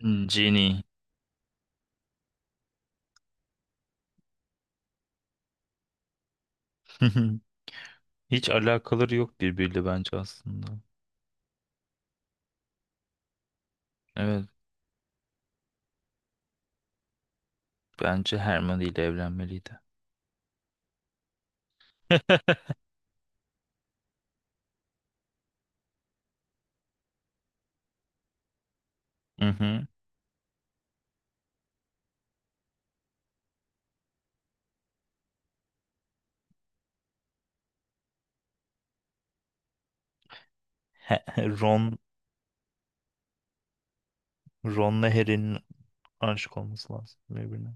Hmm, Genie. Hiç alakaları yok birbiriyle bence aslında. Evet, bence Hermione ile evlenmeliydi. Hı hı. He- Ron, Ron'la Harry'nin aşık olması lazım birbirine.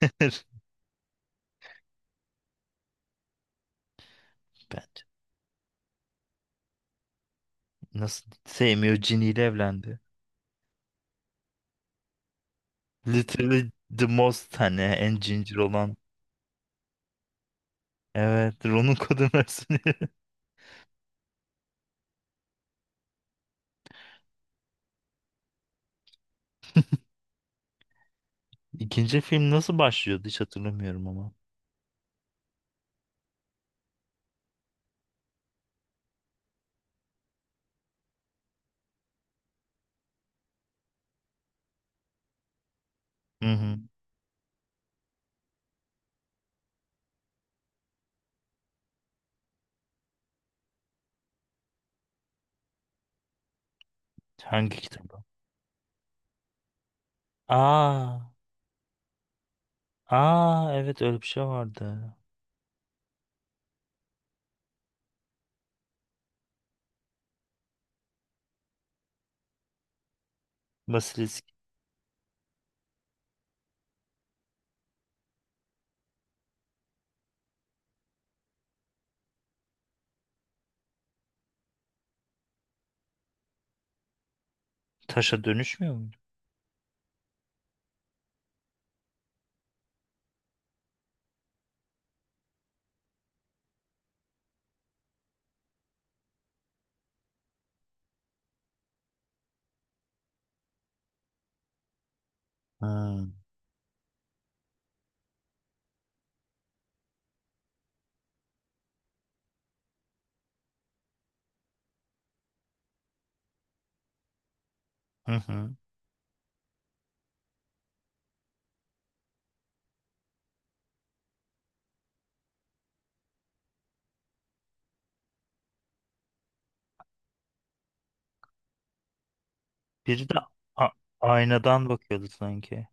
Bence. Nasıl sevmiyor, Ginny ile evlendi. Literally the most hani en cincir olan. Evet, Ron'un kadın versiyonu. İkinci film nasıl başlıyordu hiç hatırlamıyorum ama. Hı hı. Hangi kitaba? Aa, aa evet öyle bir şey vardı. Basilisk taşa dönüşmüyor muydu? Ha. Hı hı. Biri de a- aynadan bakıyordu sanki.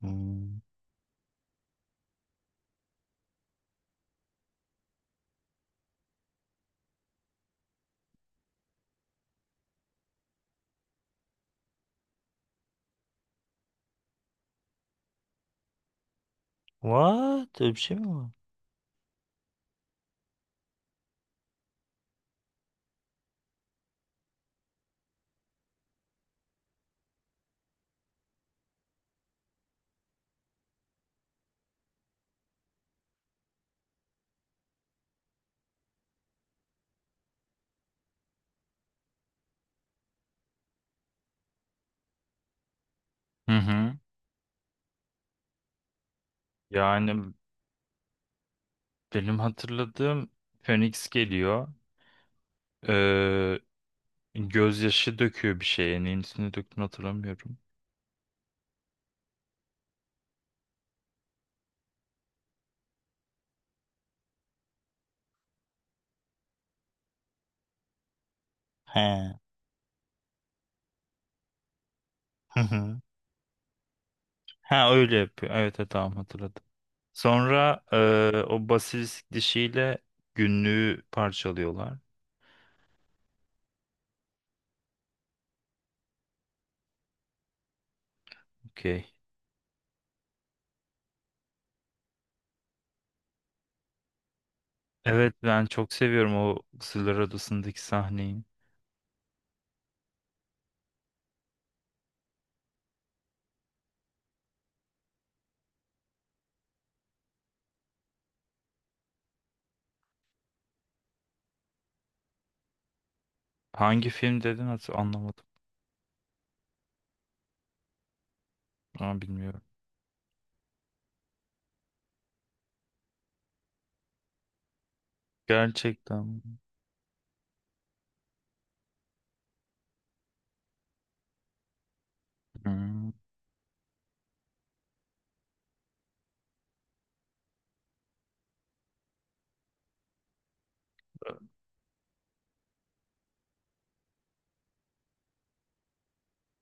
Hmm. What? Öyle bir şey mi var? Hı hı. Yani benim hatırladığım Phoenix geliyor. Ee, gözyaşı döküyor bir şeye. Neyin üstüne döktüğünü hatırlamıyorum. He. Hı hı. Ha öyle yapıyor. Evet, evet tamam hatırladım. Sonra o basilisk dişiyle günlüğü parçalıyorlar. Okey. Evet ben çok seviyorum o Kızıllar Adası'ndaki sahneyi. Hangi film dedin, hatır anlamadım. Ama bilmiyorum. Gerçekten mi? Hmm,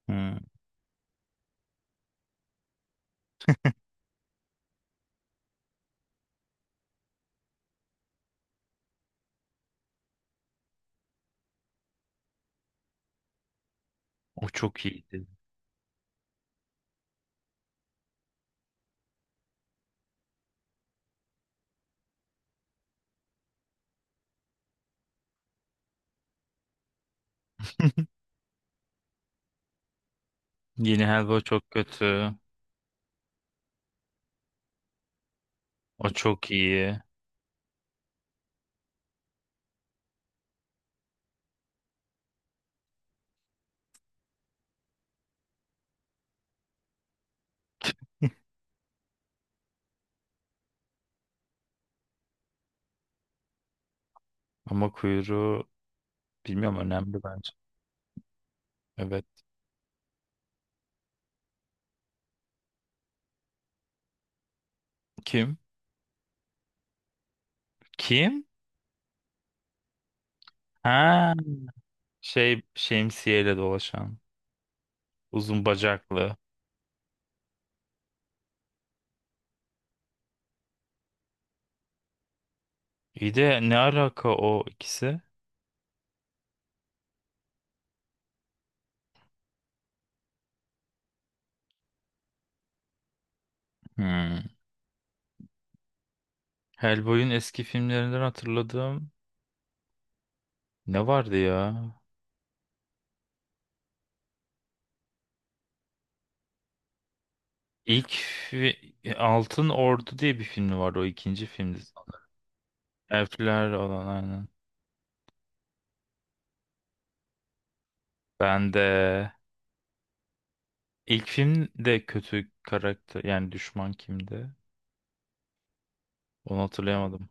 hmm. O çok iyiydi. Yeni Helva çok kötü. O çok iyi. Ama kuyruğu bilmiyorum, önemli bence. Evet. Kim? Kim? Ha, şey şemsiyeyle dolaşan. Uzun bacaklı. İyi de ne alaka o ikisi? Hmm. Hellboy'un eski filmlerinden hatırladığım ne vardı ya? İlk Altın Ordu diye bir filmi vardı, o ikinci filmdi. Elfler olan, aynen. Ben de ilk filmde kötü karakter, yani düşman kimdi? Onu hatırlayamadım.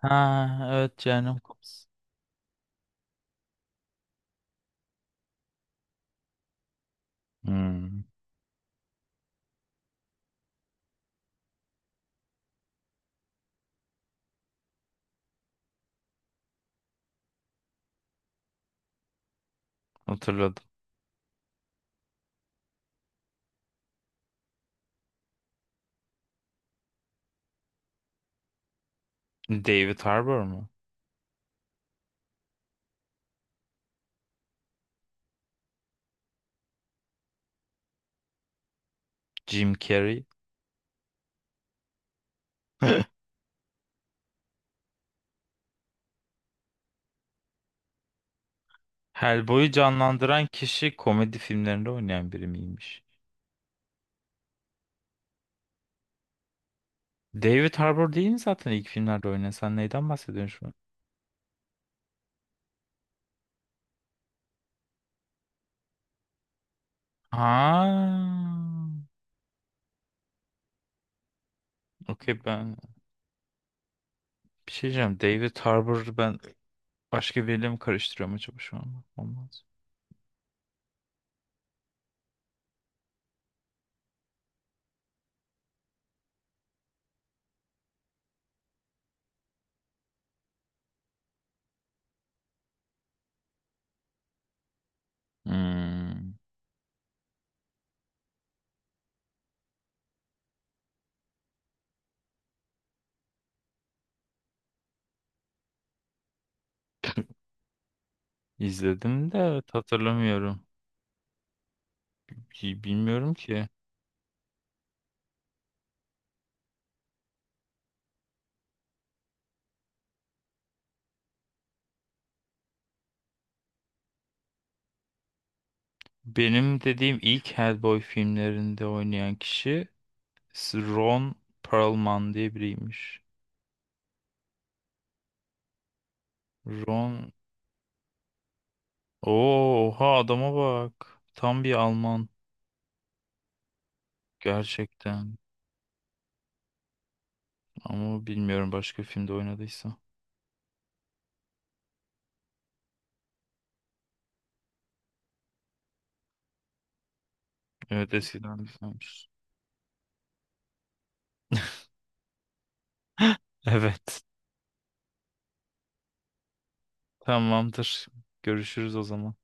Ha evet, Cehennem Kapısı. Hmm, hatırladım. David Harbour mu? Jim Carrey. Hellboy'u canlandıran kişi komedi filmlerinde oynayan biri miymiş? David Harbour değil mi zaten ilk filmlerde oynayan? Sen neyden bahsediyorsun şu an? Ha. Okey, ben bir şey diyeceğim. David Harbour'u ben başka biriyle mi karıştırıyorum acaba şu an? Olmaz. Hmm. İzledim de evet, hatırlamıyorum. Bilmiyorum ki. Benim dediğim ilk Hellboy filmlerinde oynayan kişi Ron Perlman diye biriymiş. Ron... Oo, oha adama bak. Tam bir Alman. Gerçekten. Ama bilmiyorum başka filmde oynadıysa. Evet, eskiden bir filmmiş. Evet. Tamamdır. Görüşürüz o zaman.